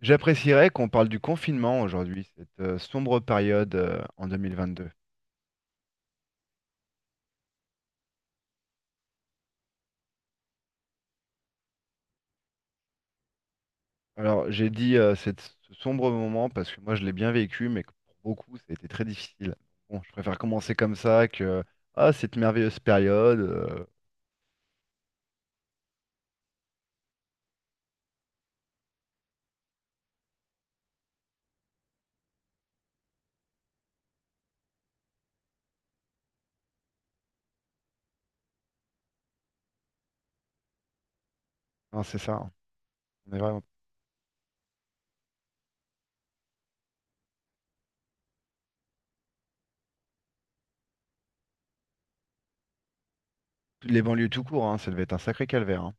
J'apprécierais qu'on parle du confinement aujourd'hui, cette sombre période en 2022. Alors, j'ai dit ce sombre moment parce que moi, je l'ai bien vécu, mais que pour beaucoup, ça a été très difficile. Bon, je préfère commencer comme ça que ah, cette merveilleuse période. Non, c'est ça, hein. On est vraiment... Les banlieues tout court, hein, ça devait être un sacré calvaire, hein.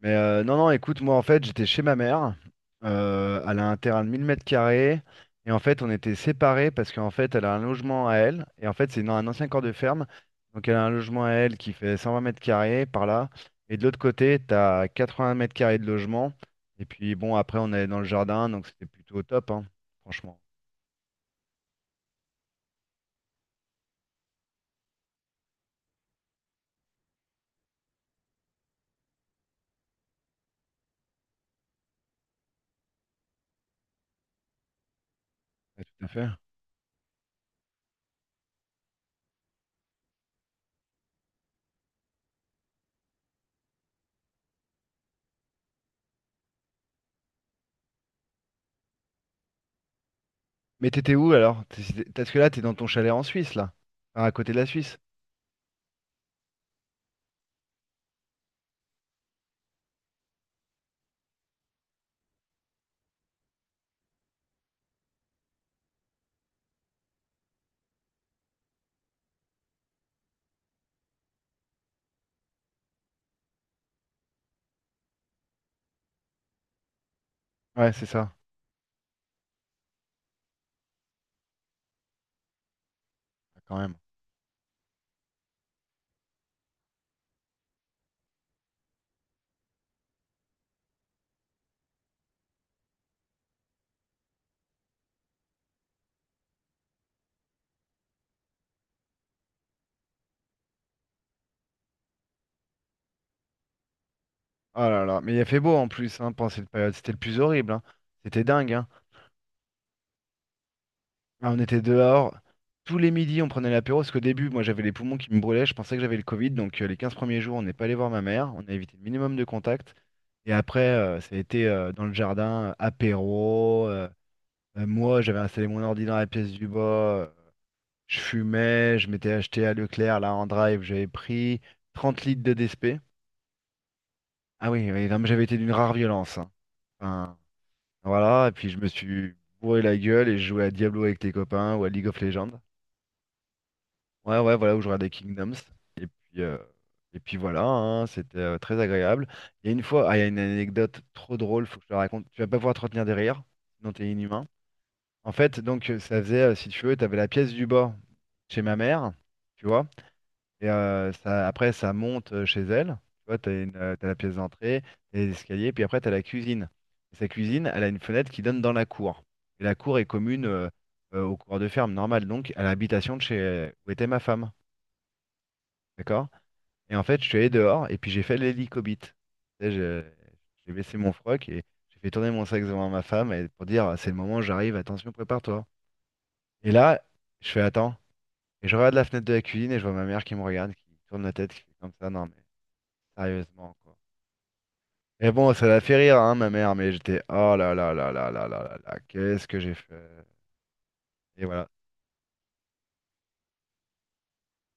Mais non, non, écoute, moi en fait, j'étais chez ma mère. Elle a un terrain de 1000 mètres carrés. Et en fait, on était séparés parce qu'en fait, elle a un logement à elle. Et en fait, c'est dans un ancien corps de ferme. Donc, elle a un logement à elle qui fait 120 mètres carrés par là. Et de l'autre côté, tu as 20 mètres carrés de logement. Et puis, bon, après, on allait dans le jardin. Donc, c'était plutôt top, hein, franchement. Ouais, tout à fait. Mais t'étais où alors? Parce que là, t'es dans ton chalet en Suisse, là. Enfin, à côté de la Suisse. Ouais, c'est ça. Quand même. Oh là là, mais il a fait beau en plus hein, pendant cette période. C'était le plus horrible, hein. C'était dingue, hein. Ah, on était dehors. Tous les midis, on prenait l'apéro. Parce qu'au début, moi, j'avais les poumons qui me brûlaient. Je pensais que j'avais le Covid. Donc, les 15 premiers jours, on n'est pas allé voir ma mère. On a évité le minimum de contact. Et après, ça a été dans le jardin, apéro. Moi, j'avais installé mon ordi dans la pièce du bas. Je fumais. Je m'étais acheté à Leclerc, là, en drive. J'avais pris 30 litres de DSP. Ah oui, oui, non, mais j'avais été d'une rare violence, hein. Enfin, voilà, et puis je me suis bourré la gueule et je jouais à Diablo avec tes copains ou à League of Legends. Ouais, ouais, voilà, où je regardais Kingdoms. Puis, euh, et puis voilà, hein, c'était très agréable. Il y a une fois, ah, il y a une anecdote trop drôle, faut que je te la raconte. Tu vas pas pouvoir te retenir des rires, sinon t'es inhumain. En fait, donc ça faisait, si tu veux, t'avais la pièce du bas chez ma mère, tu vois. Et ça, après, ça monte chez elle. Tu vois, t'as la pièce d'entrée, t'as les escaliers, puis après, t'as la cuisine. Et sa cuisine, elle a une fenêtre qui donne dans la cour. Et la cour est commune au cours de ferme, normal, donc à l'habitation de chez où était ma femme. D'accord? Et en fait, je suis allé dehors et puis j'ai fait l'hélicobite. Tu sais, j'ai baissé mon froc et j'ai fait tourner mon sac devant ma femme et pour dire, c'est le moment, j'arrive, attention, prépare-toi. Et là, je fais, attends. Et je regarde la fenêtre de la cuisine et je vois ma mère qui me regarde, qui tourne la tête, qui fait comme ça, non mais. Sérieusement, quoi. Mais bon, ça l'a fait rire, hein, ma mère, mais j'étais, oh là là là là là là là là, qu'est-ce que j'ai fait? Et voilà.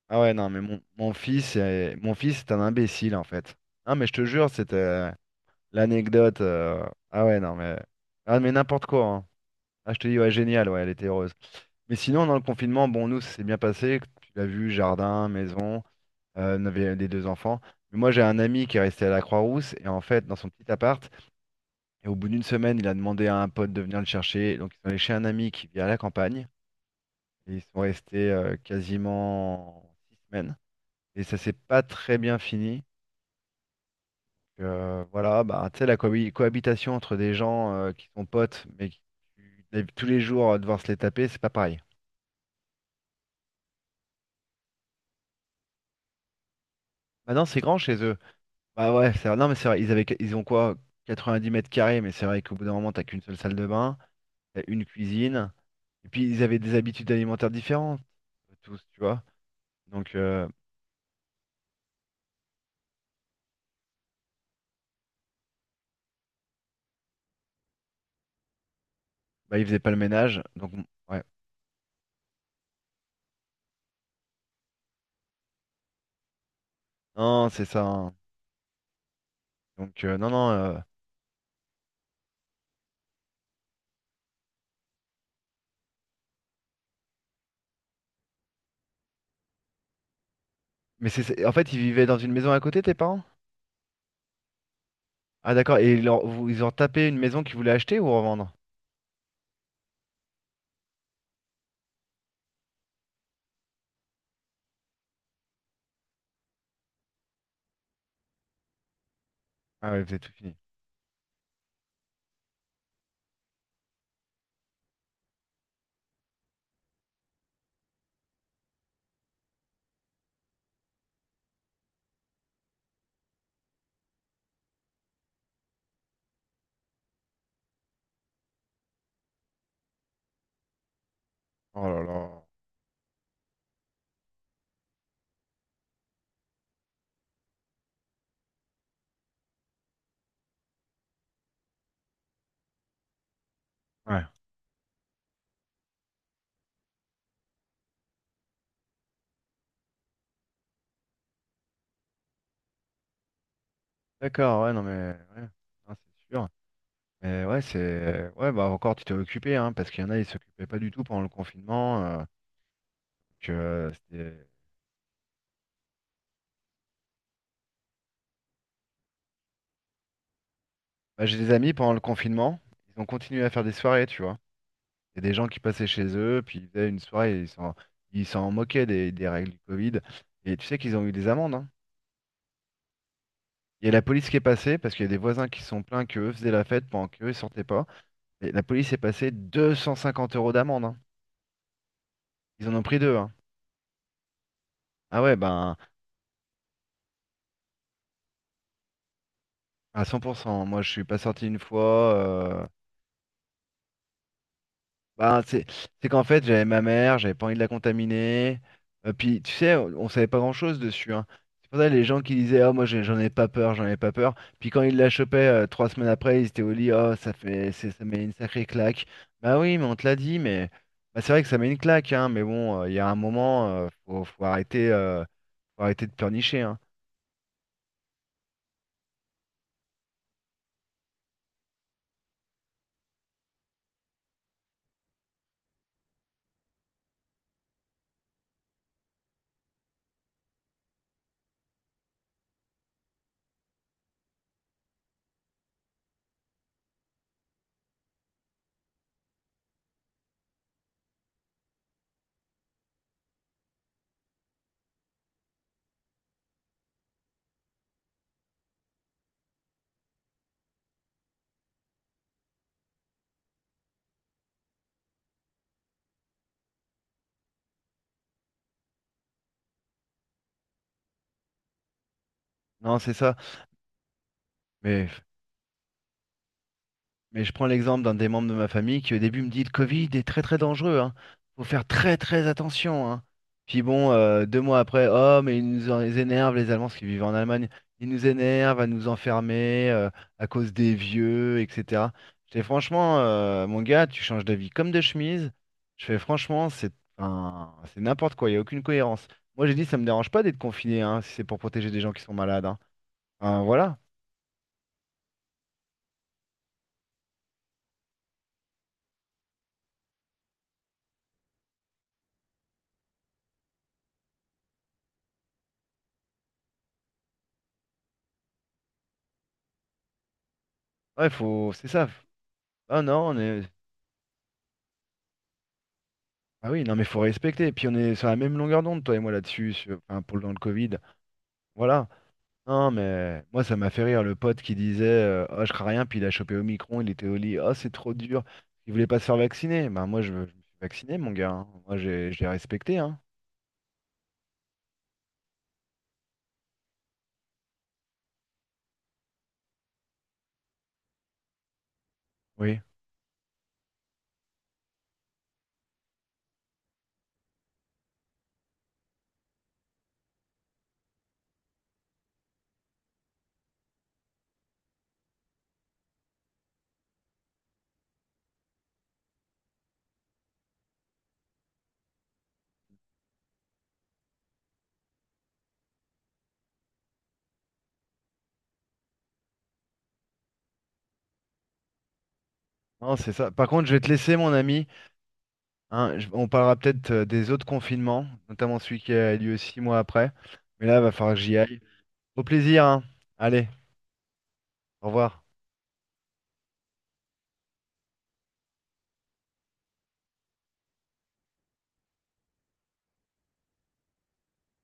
Ah ouais, non, mais mon fils est, mon fils est un imbécile, en fait. Non, mais je te jure, c'était l'anecdote. Ah ouais, non, mais, ah, mais n'importe quoi, hein. Ah, je te dis, ouais, génial, ouais, elle était heureuse. Mais sinon, dans le confinement, bon, nous, ça s'est bien passé. Tu l'as vu, jardin, maison, on avait les deux enfants. Mais moi, j'ai un ami qui est resté à la Croix-Rousse, et en fait, dans son petit appart, et au bout d'une semaine, il a demandé à un pote de venir le chercher. Donc, ils sont allés chez un ami qui vit à la campagne. Et ils sont restés quasiment 6 semaines. Et ça s'est pas très bien fini. Voilà, bah, tu sais, cohabitation entre des gens qui sont potes, mais qui tu tous les jours devoir se les taper, c'est pas pareil. Maintenant, c'est grand chez eux. Bah ouais, c'est vrai. Non, mais c'est vrai, ils avaient, ils ont quoi? 90 mètres carrés, mais c'est vrai qu'au bout d'un moment, t'as qu'une seule salle de bain, t'as une cuisine. Et puis, ils avaient des habitudes alimentaires différentes, tous, tu vois. Donc, euh, Bah, il faisait pas le ménage, donc ouais. Non, c'est ça, hein. Non, non. Mais c'est- en fait, ils vivaient dans une maison à côté, tes parents? Ah d'accord. Et ils ont tapé une maison qu'ils voulaient acheter ou revendre? Ah ouais, vous avez tout fini. Oh là là. Ouais. D'accord. Ouais, non mais ouais. Non, c'est sûr. Mais ouais, c'est ouais, bah encore tu t'es occupé, hein, parce qu'il y en a ils s'occupaient pas du tout pendant le confinement. Donc, c'était- bah, j'ai des amis pendant le confinement, ils ont continué à faire des soirées, tu vois. Il y a des gens qui passaient chez eux, puis ils faisaient une soirée, et ils s'en moquaient des règles du Covid. Et tu sais qu'ils ont eu des amendes, hein. Il y a la police qui est passée, parce qu'il y a des voisins qui se sont plaints qu'eux faisaient la fête pendant qu'eux, ils sortaient pas. Et la police est passée 250 euros d'amende, hein. Ils en ont pris deux, hein. Ah ouais, ben, à 100%. Moi, je suis pas sorti une fois. Bah, c'est qu'en fait, j'avais ma mère, j'avais pas envie de la contaminer. Puis, tu sais, on savait pas grand-chose dessus, hein. C'est pour ça les gens qui disaient, ah, moi, j'en ai pas peur, j'en ai pas peur. Puis quand ils la chopaient 3 semaines après, ils étaient au lit, oh, ça fait, c'est- ça met une sacrée claque. Bah oui, mais on te l'a dit, mais bah, c'est vrai que ça met une claque, hein. Mais bon, il y a un moment, faut arrêter de pleurnicher, hein. Non, c'est ça. Mais Mais je prends l'exemple d'un des membres de ma famille qui au début me dit le Covid est très très dangereux, hein. Faut faire très très attention, hein. Puis bon, 2 mois après, oh mais ils énervent les Allemands, parce qu'ils vivent en Allemagne, ils nous énervent à nous enfermer à cause des vieux, etc. Je fais franchement, mon gars, tu changes d'avis comme de chemise. Je fais franchement, c'est un- c'est n'importe quoi, il n'y a aucune cohérence. Moi j'ai dit ça me dérange pas d'être confiné, hein, si c'est pour protéger des gens qui sont malades, hein. Enfin, voilà. Ouais, faut, c'est ça. Ah non, on est. Ah oui, non, mais faut respecter. Et puis on est sur la même longueur d'onde, toi et moi, là-dessus, sur- enfin, pour le dans le Covid. Voilà. Non, mais moi, ça m'a fait rire, le pote qui disait oh, je crains rien, puis il a chopé Omicron, il était au lit. Oh, c'est trop dur. Il voulait pas se faire vacciner. Ben, moi, je me suis vacciné, mon gars, hein. Moi, je l'ai respecté, hein. Oui. Non, c'est ça. Par contre, je vais te laisser, mon ami, hein. On parlera peut-être des autres confinements, notamment celui qui a lieu 6 mois après. Mais là, va falloir que j'y aille. Au plaisir, hein. Allez, au revoir.